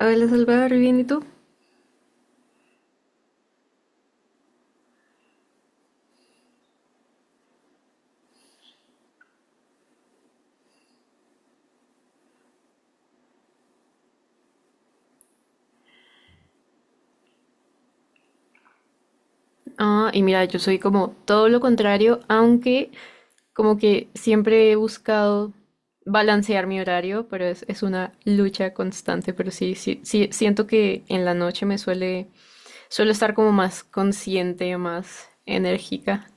Hola Salvador, ¿bien y tú? Ah, y mira, yo soy como todo lo contrario, aunque como que siempre he buscado balancear mi horario, pero es una lucha constante, pero sí, sí, sí, siento que en la noche suelo estar como más consciente, más enérgica.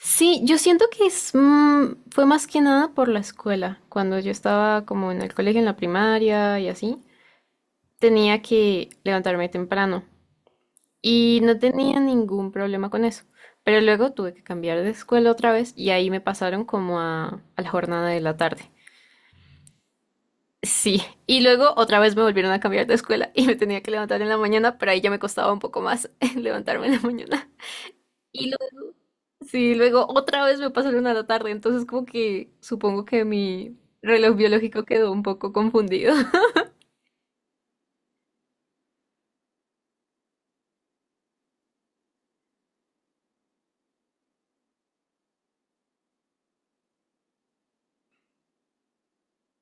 Sí, yo siento que fue más que nada por la escuela. Cuando yo estaba como en el colegio, en la primaria y así, tenía que levantarme temprano. Y no tenía ningún problema con eso. Pero luego tuve que cambiar de escuela otra vez y ahí me pasaron como a la jornada de la tarde. Sí, y luego otra vez me volvieron a cambiar de escuela y me tenía que levantar en la mañana, pero ahí ya me costaba un poco más levantarme en la mañana. Y luego, sí, luego otra vez me pasaron a la tarde, entonces como que supongo que mi reloj biológico quedó un poco confundido.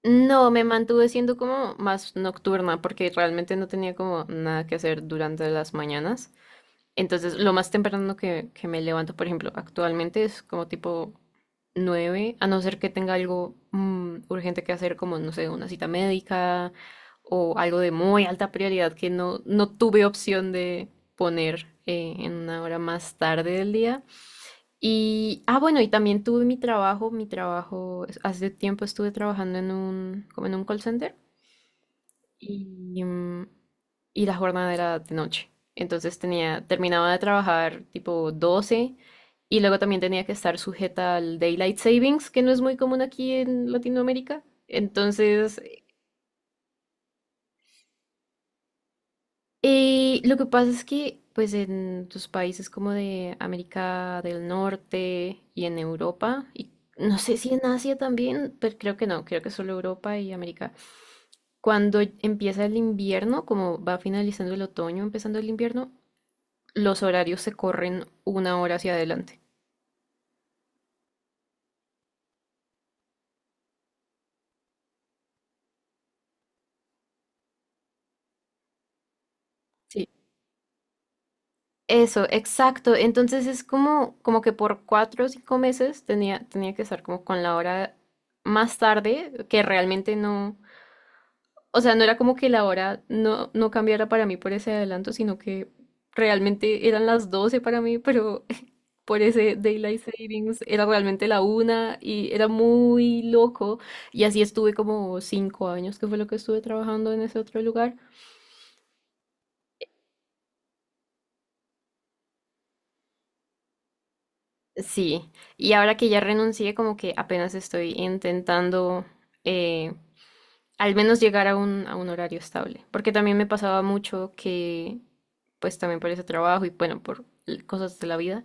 No, me mantuve siendo como más nocturna porque realmente no tenía como nada que hacer durante las mañanas. Entonces, lo más temprano que me levanto, por ejemplo, actualmente es como tipo 9, a no ser que tenga algo urgente que hacer, como, no sé, una cita médica o algo de muy alta prioridad que no tuve opción de poner en una hora más tarde del día. Y, ah, bueno, y también tuve mi trabajo, hace tiempo estuve trabajando en como en un call center y, y la jornada era de noche. Entonces terminaba de trabajar tipo 12 y luego también tenía que estar sujeta al Daylight Savings, que no es muy común aquí en Latinoamérica. Entonces, lo que pasa es que pues en tus países como de América del Norte y en Europa, y no sé si en Asia también, pero creo que no, creo que solo Europa y América. Cuando empieza el invierno, como va finalizando el otoño, empezando el invierno, los horarios se corren una hora hacia adelante. Sí. Eso, exacto. Entonces es como que por 4 o 5 meses tenía que estar como con la hora más tarde, que realmente no, o sea, no era como que la hora no cambiara para mí por ese adelanto, sino que realmente eran las 12 para mí, pero por ese Daylight Savings era realmente la 1 y era muy loco. Y así estuve como 5 años, que fue lo que estuve trabajando en ese otro lugar. Sí, y ahora que ya renuncié, como que apenas estoy intentando eh, al menos llegar a un horario estable, porque también me pasaba mucho que, pues también por ese trabajo y bueno, por cosas de la vida,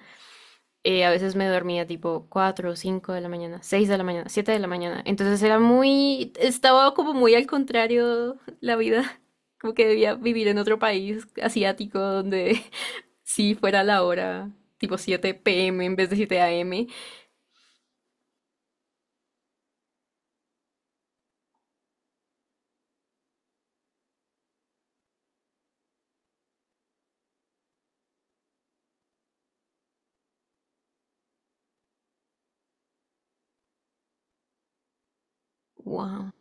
a veces me dormía tipo 4 o 5 de la mañana, 6 de la mañana, 7 de la mañana, entonces era estaba como muy al contrario la vida, como que debía vivir en otro país asiático donde sí fuera la hora tipo 7 p.m. en vez de 7 a.m. Wow.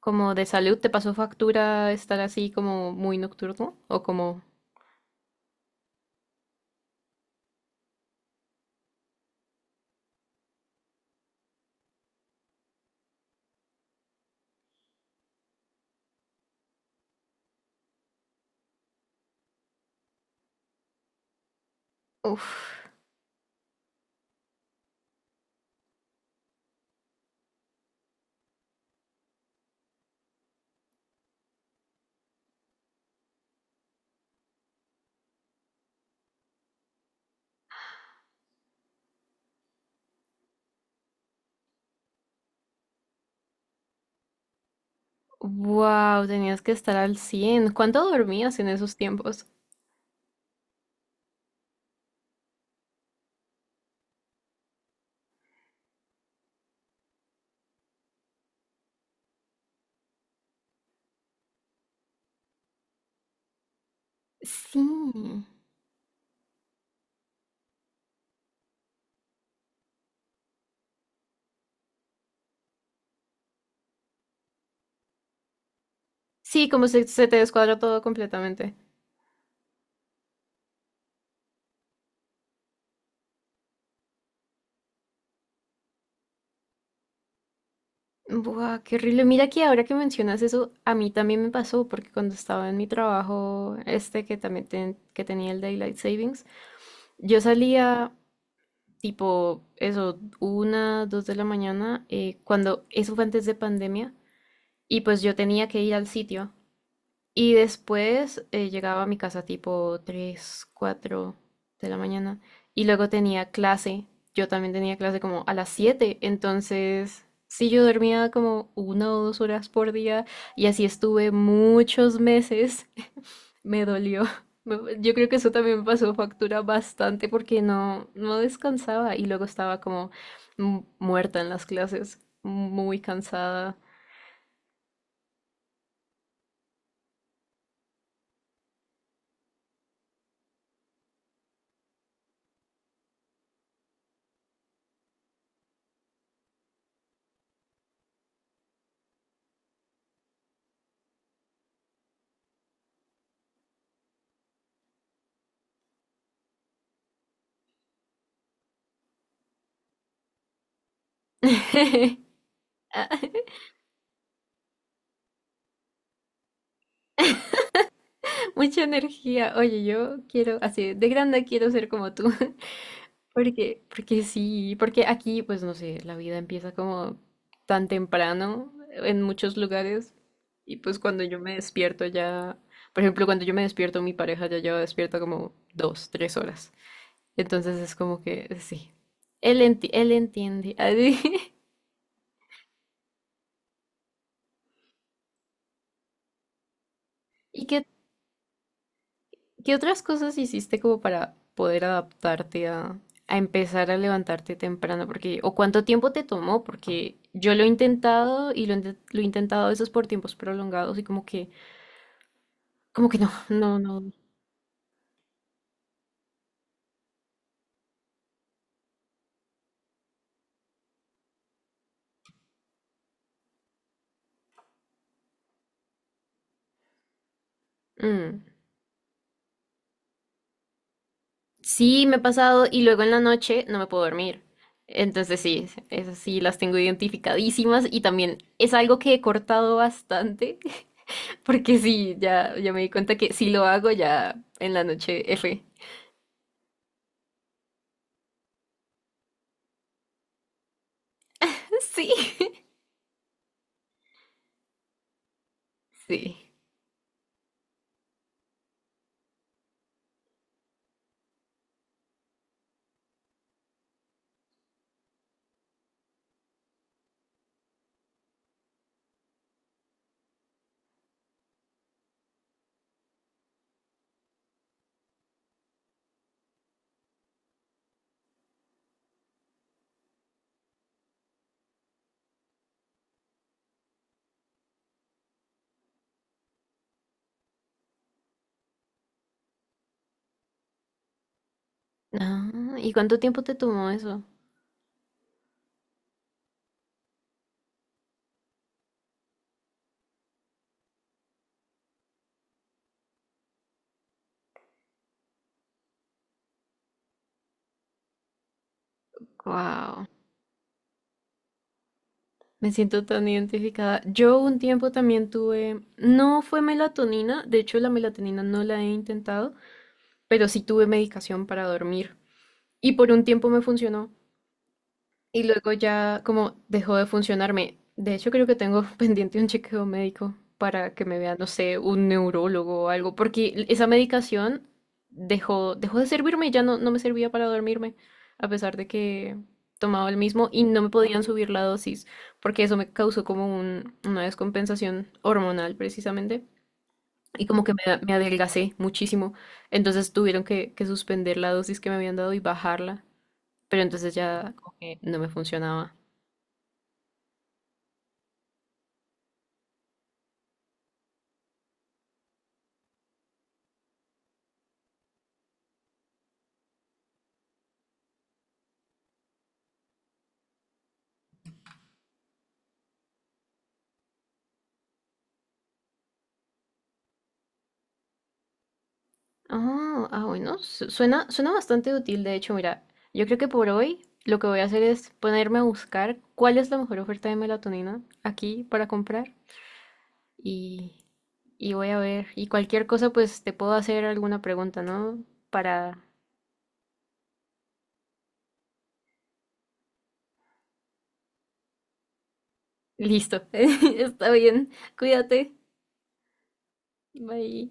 ¿Como de salud te pasó factura estar así como muy nocturno? ¿O como... Uf. Wow, tenías que estar al 100. ¿Cuánto dormías en esos tiempos? Sí. Sí, como se te descuadra todo completamente. Buah, qué horrible. Mira que ahora que mencionas eso, a mí también me pasó, porque cuando estaba en mi trabajo, este que también que tenía el Daylight Savings, yo salía tipo eso, 1, 2 de la mañana, cuando eso fue antes de pandemia, y pues yo tenía que ir al sitio. Y después llegaba a mi casa tipo 3 4 de la mañana. Y luego tenía clase. Yo también tenía clase como a las 7. Entonces, sí, yo dormía como 1 o 2 horas por día. Y así estuve muchos meses. Me dolió. Yo creo que eso también me pasó factura bastante porque no descansaba. Y luego estaba como muerta en las clases. Muy cansada. Mucha energía. Oye, yo quiero, así, de grande quiero ser como tú. Porque sí, porque aquí, pues no sé, la vida empieza como tan temprano en muchos lugares. Y pues cuando yo me despierto ya, por ejemplo, cuando yo me despierto, mi pareja ya lleva despierta como 2, 3 horas. Entonces es como que, sí, él entiende. ¿Y qué ¿Qué otras cosas hiciste como para poder adaptarte a empezar a levantarte temprano? Porque, o cuánto tiempo te tomó, porque yo lo he intentado y lo he intentado a veces por tiempos prolongados y como que no, no, no. Mm. Sí, me ha pasado y luego en la noche no me puedo dormir. Entonces sí, esas sí las tengo identificadísimas y también es algo que he cortado bastante, porque sí, ya me di cuenta que si lo hago ya en la noche F. Sí, sí. Ah, ¿y cuánto tiempo te tomó eso? Wow, me siento tan identificada. Yo un tiempo también tuve, no fue melatonina, de hecho la melatonina no la he intentado, pero sí tuve medicación para dormir y por un tiempo me funcionó. Y luego ya como dejó de funcionarme. De hecho, creo que tengo pendiente un chequeo médico para que me vea, no sé, un neurólogo o algo, porque esa medicación dejó de servirme y ya no me servía para dormirme, a pesar de que tomaba el mismo y no me podían subir la dosis, porque eso me causó como una descompensación hormonal precisamente. Y como que me adelgacé muchísimo. Entonces tuvieron que suspender la dosis que me habían dado y bajarla. Pero entonces ya como que no me funcionaba. Ah, bueno, suena bastante útil. De hecho, mira, yo creo que por hoy lo que voy a hacer es ponerme a buscar cuál es la mejor oferta de melatonina aquí para comprar y, y voy a ver. Y cualquier cosa, pues te puedo hacer alguna pregunta, ¿no? Para... Listo. Está bien. Cuídate. Bye.